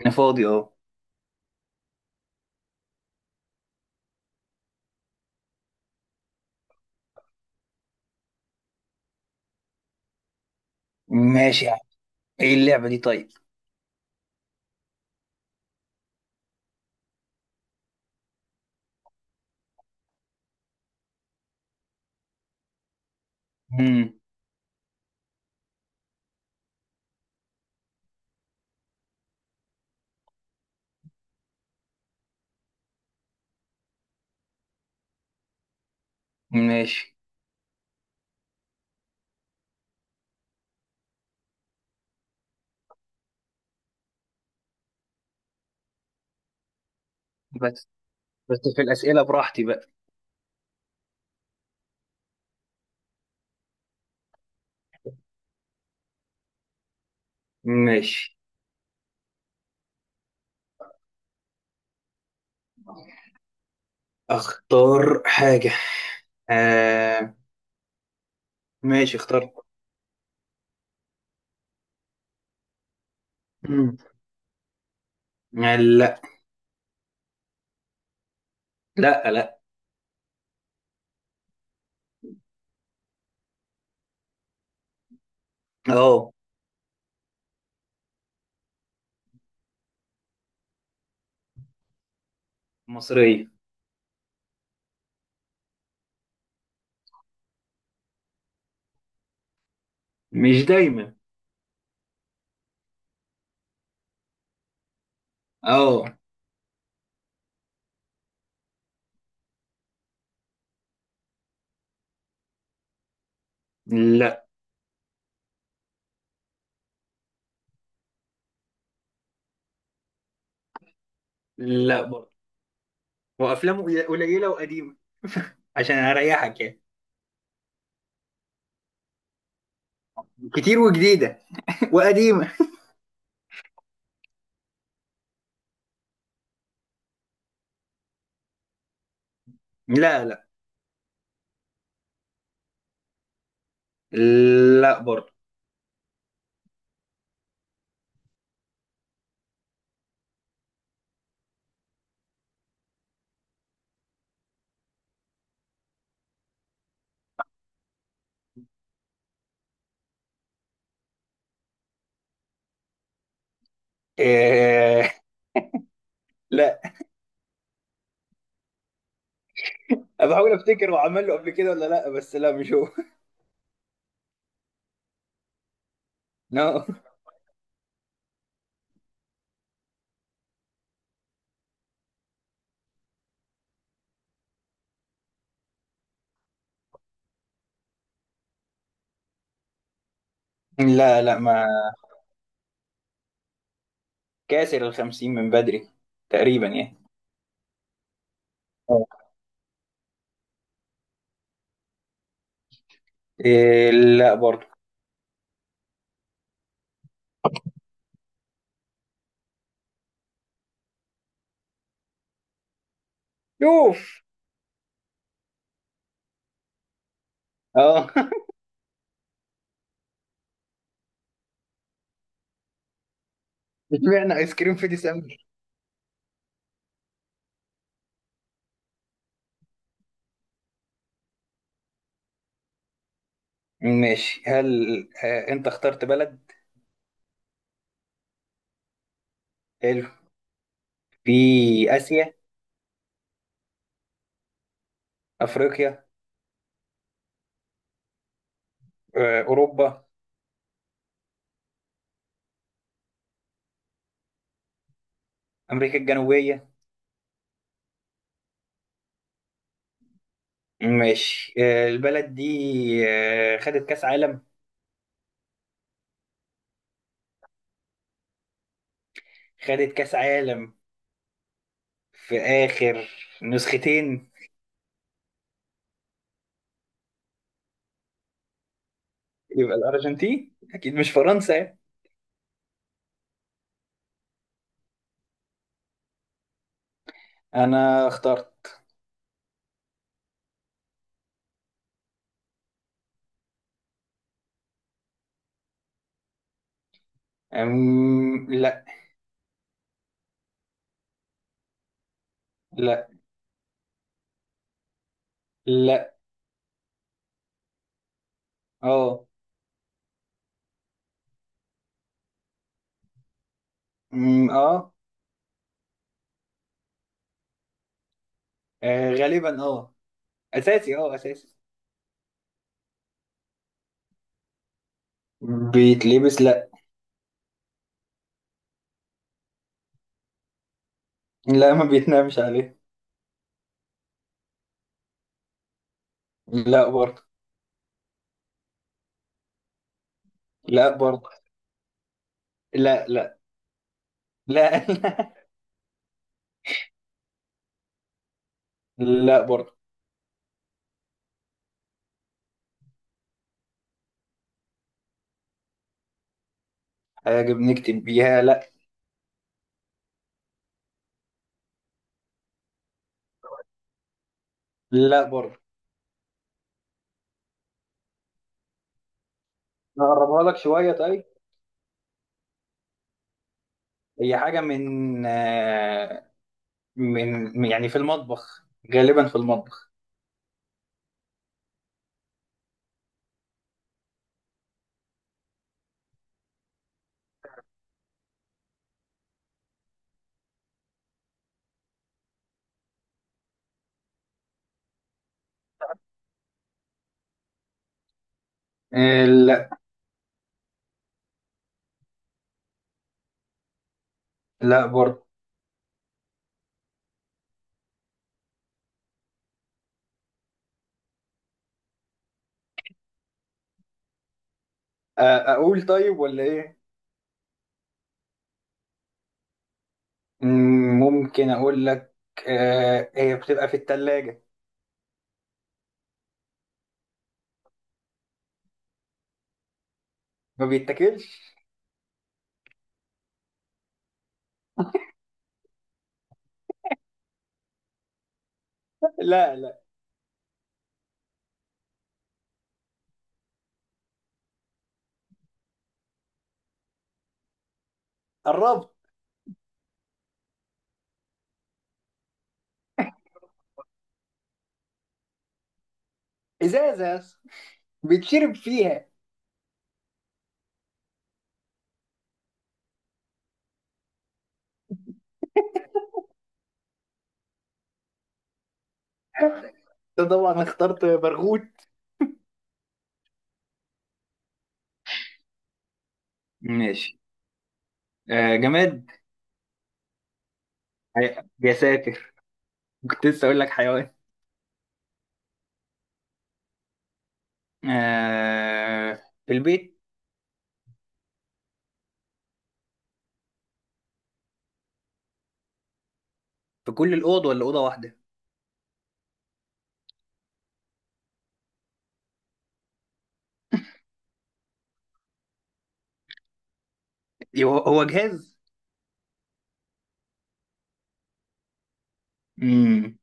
انا فاضي اهو. ماشي يا عم. ايه اللعبة دي طيب؟ امم ماشي. بس بس في الأسئلة براحتي بقى. ماشي، اختار حاجة. آه. ماشي، اخترت. مم. آه، لا. لا لا. اه. مصرية. مش دايما. اه. لا. لا برضه. وافلام قليلة وقديمة عشان اريحك يعني. كتير وجديدة وقديمة. لا لا. لا برضه. آه. لا. أنا بحاول افتكر هو عمل له قبل كده ولا لا، بس لا مش هو لا لا لا، ما كاسر الخمسين من بدري. تقريبا يعني. آه. إيه لا برضه. شوف. اه اشمعنى ايس كريم في ديسمبر؟ ماشي. هل انت اخترت بلد؟ حلو. في اسيا؟ افريقيا؟ اوروبا؟ امريكا الجنوبيه؟ ماشي. البلد دي خدت كاس عالم؟ خدت كاس عالم في اخر نسختين. يبقى الأرجنتين أكيد مش فرنسا يعني. أنا اخترت. لا. لا. لا. أه. أه. غالبا أه. أساسي أه أساسي. بيتلبس لا. لا، ما بيتنامش عليه. لا برضه. لا برضه. لا لا. لا, لا. لا برضه. حاجة بنكتب بيها لا. لا برضه. نقربها لك شوية طيب. هي حاجة من آه، من من- يعني في المطبخ، غالبا في المطبخ. لا. لا برضه. اقول طيب ولا ايه؟ ممكن اقول لك. هي بتبقى في التلاجة. ما بيتاكلش. لا لا، قربت. ازازة يا اسطى. بيتشرب فيها. أنت طبعا اخترت برغوت. ماشي. جماد. يا ساتر، كنت لسه اقول لك حيوان. آه، في البيت، في كل الاوض ولا اوضه واحده؟ هو جهاز. امم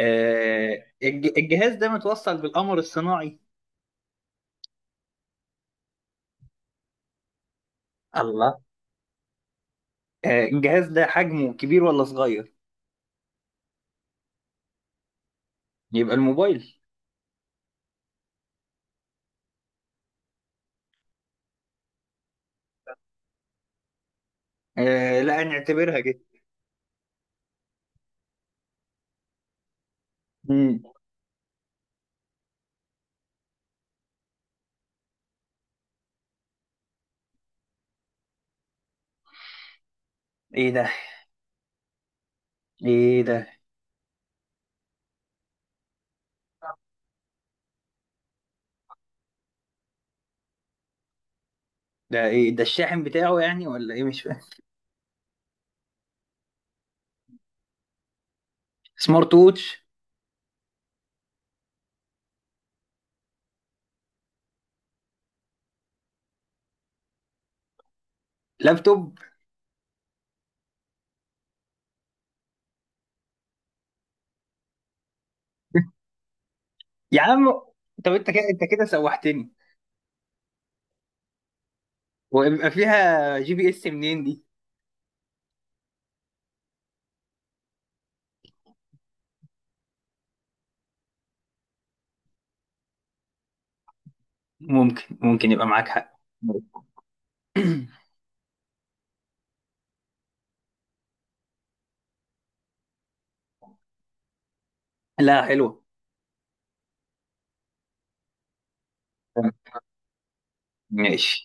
الجهاز ده متوصل بالقمر الصناعي؟ الله. الجهاز ده حجمه كبير ولا صغير؟ يبقى الموبايل. آه، لا، نعتبرها كده. مم. ايه ده؟ ايه ده؟ ايه ده الشاحن بتاعه يعني ولا ايه، مش فاهم؟ سمارت ووتش؟ لابتوب؟ يا عم. طب انت كده سوحتني. ويبقى فيها GPS منين دي؟ ممكن يبقى معاك حق. لا، حلوة. ماشي.